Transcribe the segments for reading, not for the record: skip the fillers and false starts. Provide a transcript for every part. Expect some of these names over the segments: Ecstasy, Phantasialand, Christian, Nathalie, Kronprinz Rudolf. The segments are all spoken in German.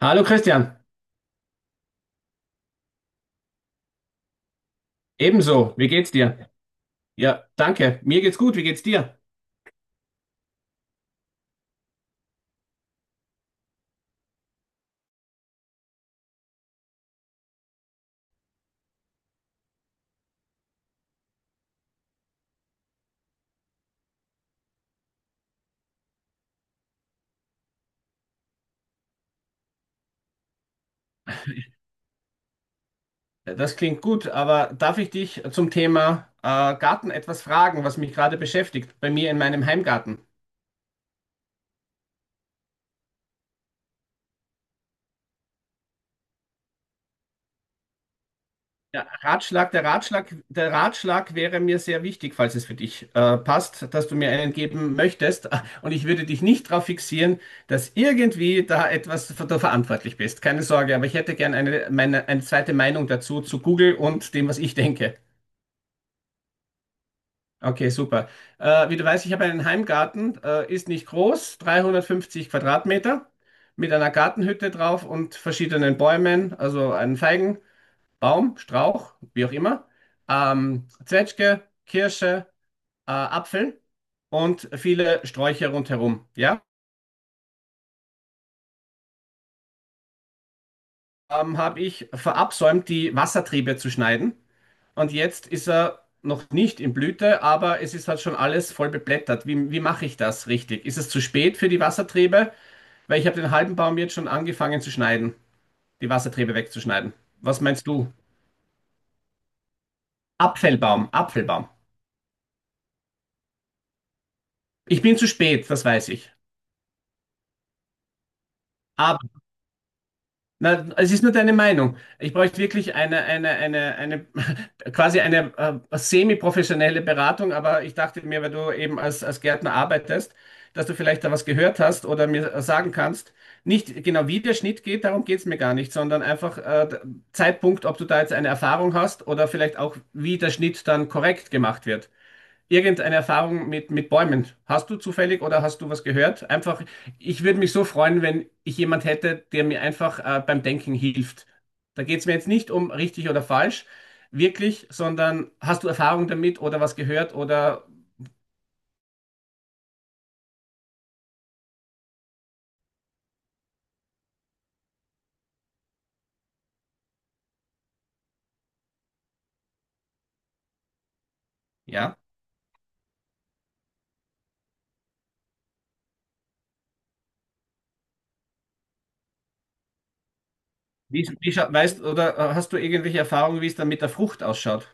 Hallo Christian, ebenso, wie geht's dir? Ja, danke, mir geht's gut, wie geht's dir? Das klingt gut, aber darf ich dich zum Thema Garten etwas fragen, was mich gerade beschäftigt, bei mir in meinem Heimgarten? Ja, Ratschlag, der Ratschlag wäre mir sehr wichtig, falls es für dich passt, dass du mir einen geben möchtest. Und ich würde dich nicht darauf fixieren, dass irgendwie da etwas für, da verantwortlich bist. Keine Sorge, aber ich hätte gern eine zweite Meinung dazu zu Google und dem, was ich denke. Okay, super. Wie du weißt, ich habe einen Heimgarten, ist nicht groß, 350 Quadratmeter, mit einer Gartenhütte drauf und verschiedenen Bäumen, also einen Feigenbaum, Strauch, wie auch immer, Zwetschge, Kirsche, Apfel und viele Sträucher rundherum. Ja, habe ich verabsäumt, die Wassertriebe zu schneiden, und jetzt ist er noch nicht in Blüte, aber es ist halt schon alles voll beblättert. Wie mache ich das richtig? Ist es zu spät für die Wassertriebe? Weil ich habe den halben Baum jetzt schon angefangen zu schneiden, die Wassertriebe wegzuschneiden. Was meinst du? Apfelbaum. Ich bin zu spät, das weiß ich. Aber na, es ist nur deine Meinung. Ich bräuchte wirklich quasi eine semi-professionelle Beratung, aber ich dachte mir, weil du eben als Gärtner arbeitest, dass du vielleicht da was gehört hast oder mir sagen kannst, nicht genau wie der Schnitt geht, darum geht's mir gar nicht, sondern einfach Zeitpunkt, ob du da jetzt eine Erfahrung hast oder vielleicht auch, wie der Schnitt dann korrekt gemacht wird, irgendeine Erfahrung mit Bäumen? Hast du zufällig oder hast du was gehört? Einfach, ich würde mich so freuen, wenn ich jemand hätte, der mir einfach beim Denken hilft. Da geht es mir jetzt nicht um richtig oder falsch, wirklich, sondern hast du Erfahrung damit oder was gehört oder ja, weißt oder hast du irgendwelche Erfahrungen, wie es dann mit der Frucht ausschaut?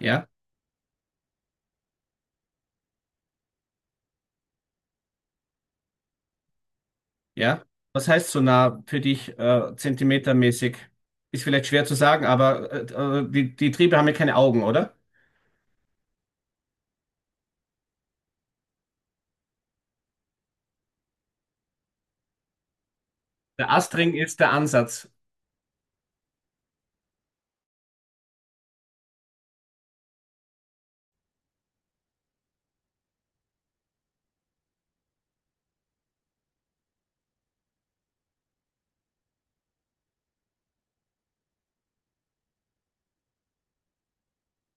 Ja, ja. Was heißt so nah für dich zentimetermäßig? Ist vielleicht schwer zu sagen, aber die Triebe haben ja keine Augen, oder? Der Astring ist der Ansatz,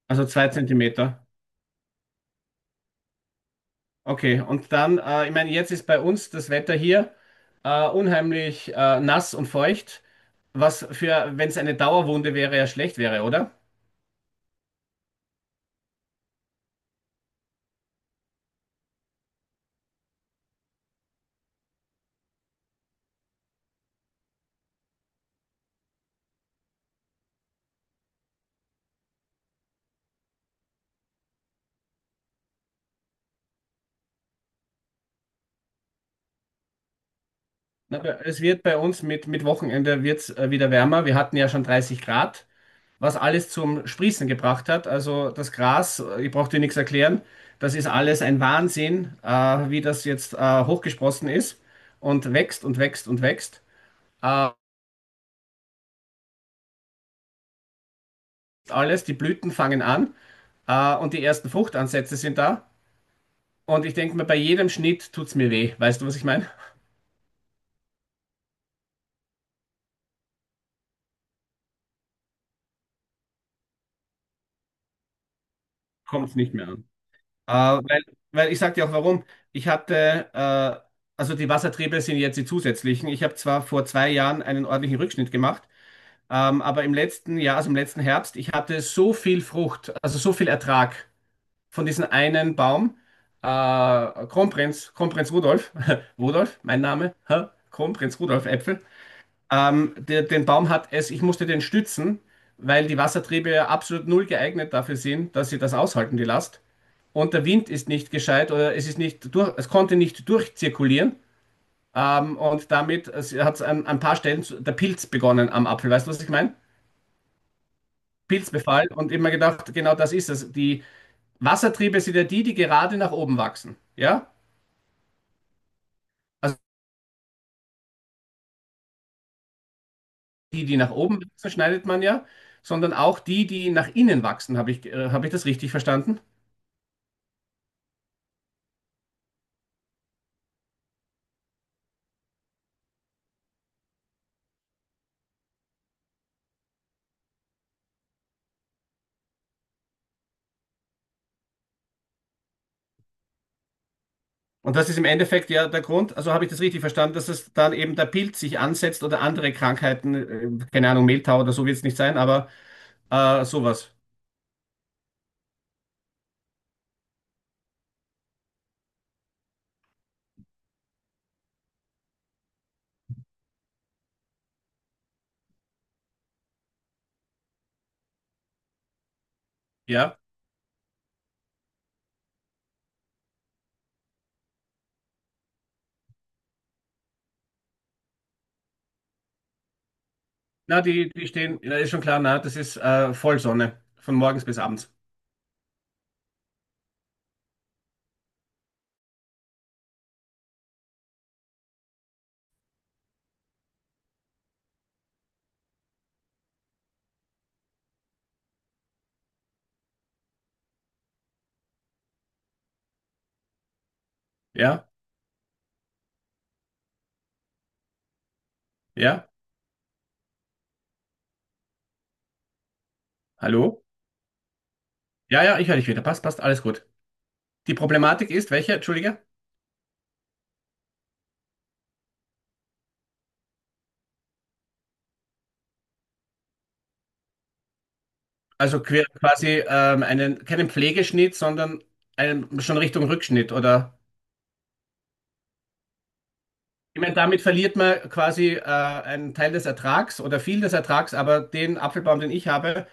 also zwei Zentimeter. Okay, und dann, ich meine, jetzt ist bei uns das Wetter hier unheimlich nass und feucht, was für, wenn es eine Dauerwunde wäre, ja schlecht wäre, oder? Na, es wird bei uns mit Wochenende wird's, wieder wärmer. Wir hatten ja schon 30 Grad, was alles zum Sprießen gebracht hat. Also das Gras, ich brauche dir nichts erklären, das ist alles ein Wahnsinn, wie das jetzt hochgesprossen ist und wächst und wächst und wächst. Äh, Alles, die Blüten fangen an und die ersten Fruchtansätze sind da. Und ich denke mir, bei jedem Schnitt tut es mir weh. Weißt du, was ich meine? Kommt es nicht mehr an. Äh, weil, weil ich sag dir auch warum. Ich hatte, äh, also die Wassertriebe sind jetzt die zusätzlichen. Ich habe zwar vor zwei Jahren einen ordentlichen Rückschnitt gemacht, aber im letzten Jahr, also im letzten Herbst, ich hatte so viel Frucht, also so viel Ertrag von diesem einen Baum. Kronprinz Rudolf, Rudolf, mein Name, hä? Kronprinz Rudolf Äpfel. Den Baum hat es, ich musste den stützen, weil die Wassertriebe ja absolut null geeignet dafür sind, dass sie das aushalten, die Last. Und der Wind ist nicht gescheit oder es ist nicht durch, es konnte nicht durchzirkulieren. Und damit hat es an ein paar Stellen der Pilz begonnen am Apfel. Weißt du, was ich meine? Pilzbefall. Und immer gedacht, genau das ist es. Die Wassertriebe sind ja die, die gerade nach oben wachsen. Ja? Also die, die nach oben wachsen, schneidet man ja, sondern auch die, die nach innen wachsen. Habe ich das richtig verstanden? Und das ist im Endeffekt ja der Grund, also habe ich das richtig verstanden, dass es dann eben der Pilz sich ansetzt oder andere Krankheiten, keine Ahnung, Mehltau oder so wird es nicht sein, aber sowas. Ja, na, die stehen, ja, ist schon klar, na, das ist Vollsonne, von morgens bis abends. Ja, ja, hallo? Ja, ja, ich höre dich wieder, passt, passt, alles gut. Die Problematik ist, welche, entschuldige? Also quasi einen, keinen Pflegeschnitt, sondern einen, schon Richtung Rückschnitt oder? Ich meine, damit verliert man quasi einen Teil des Ertrags oder viel des Ertrags, aber den Apfelbaum, den ich habe,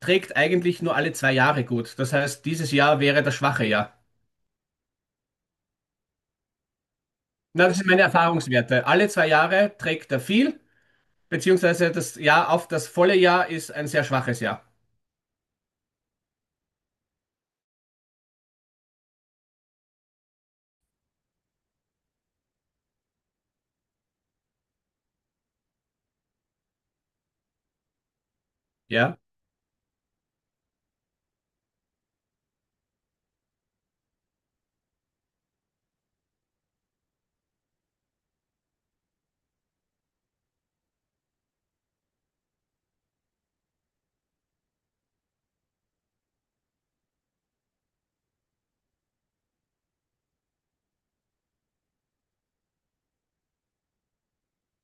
trägt eigentlich nur alle zwei Jahre gut. Das heißt, dieses Jahr wäre das schwache Jahr. Na, das sind meine Erfahrungswerte. Alle zwei Jahre trägt er viel, beziehungsweise das Jahr auf das volle Jahr ist ein sehr schwaches Jahr. Ja?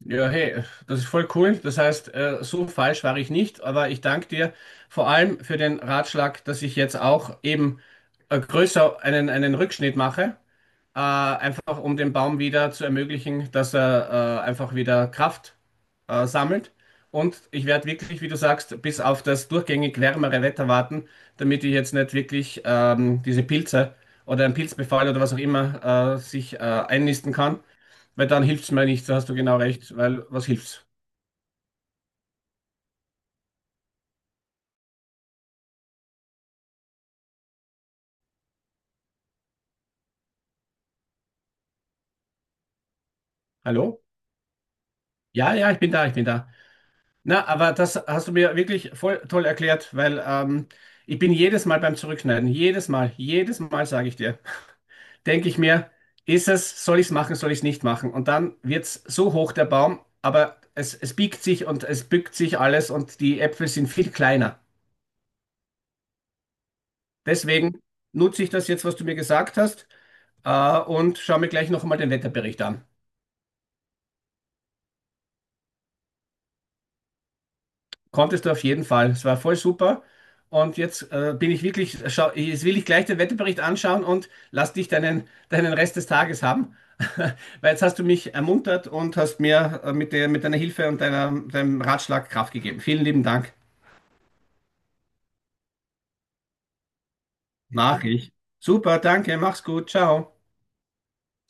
Ja, hey, das ist voll cool. Das heißt, so falsch war ich nicht, aber ich danke dir vor allem für den Ratschlag, dass ich jetzt auch eben größer einen Rückschnitt mache. Einfach um dem Baum wieder zu ermöglichen, dass er einfach wieder Kraft sammelt. Und ich werde wirklich, wie du sagst, bis auf das durchgängig wärmere Wetter warten, damit ich jetzt nicht wirklich diese Pilze oder einen Pilzbefall oder was auch immer sich einnisten kann, weil dann hilft's mir nicht, da hast du genau recht, weil was hilft's? Hallo? Ja, ja, ich bin da, ich bin da. Na, aber das hast du mir wirklich voll toll erklärt, weil ich bin jedes Mal beim Zurückschneiden, jedes Mal sage ich dir, denke ich mir, ist es, soll ich es machen, soll ich es nicht machen? Und dann wird es so hoch, der Baum, aber es biegt sich und es bückt sich alles und die Äpfel sind viel kleiner. Deswegen nutze ich das jetzt, was du mir gesagt hast, und schaue mir gleich noch einmal den Wetterbericht an. Konntest du auf jeden Fall. Es war voll super. Und jetzt bin ich wirklich, schau, jetzt will ich gleich den Wetterbericht anschauen und lass dich deinen Rest des Tages haben. Weil jetzt hast du mich ermuntert und hast mir mit der, mit deiner Hilfe und deinem Ratschlag Kraft gegeben. Vielen lieben Dank. Nachricht. Super, danke, mach's gut, ciao.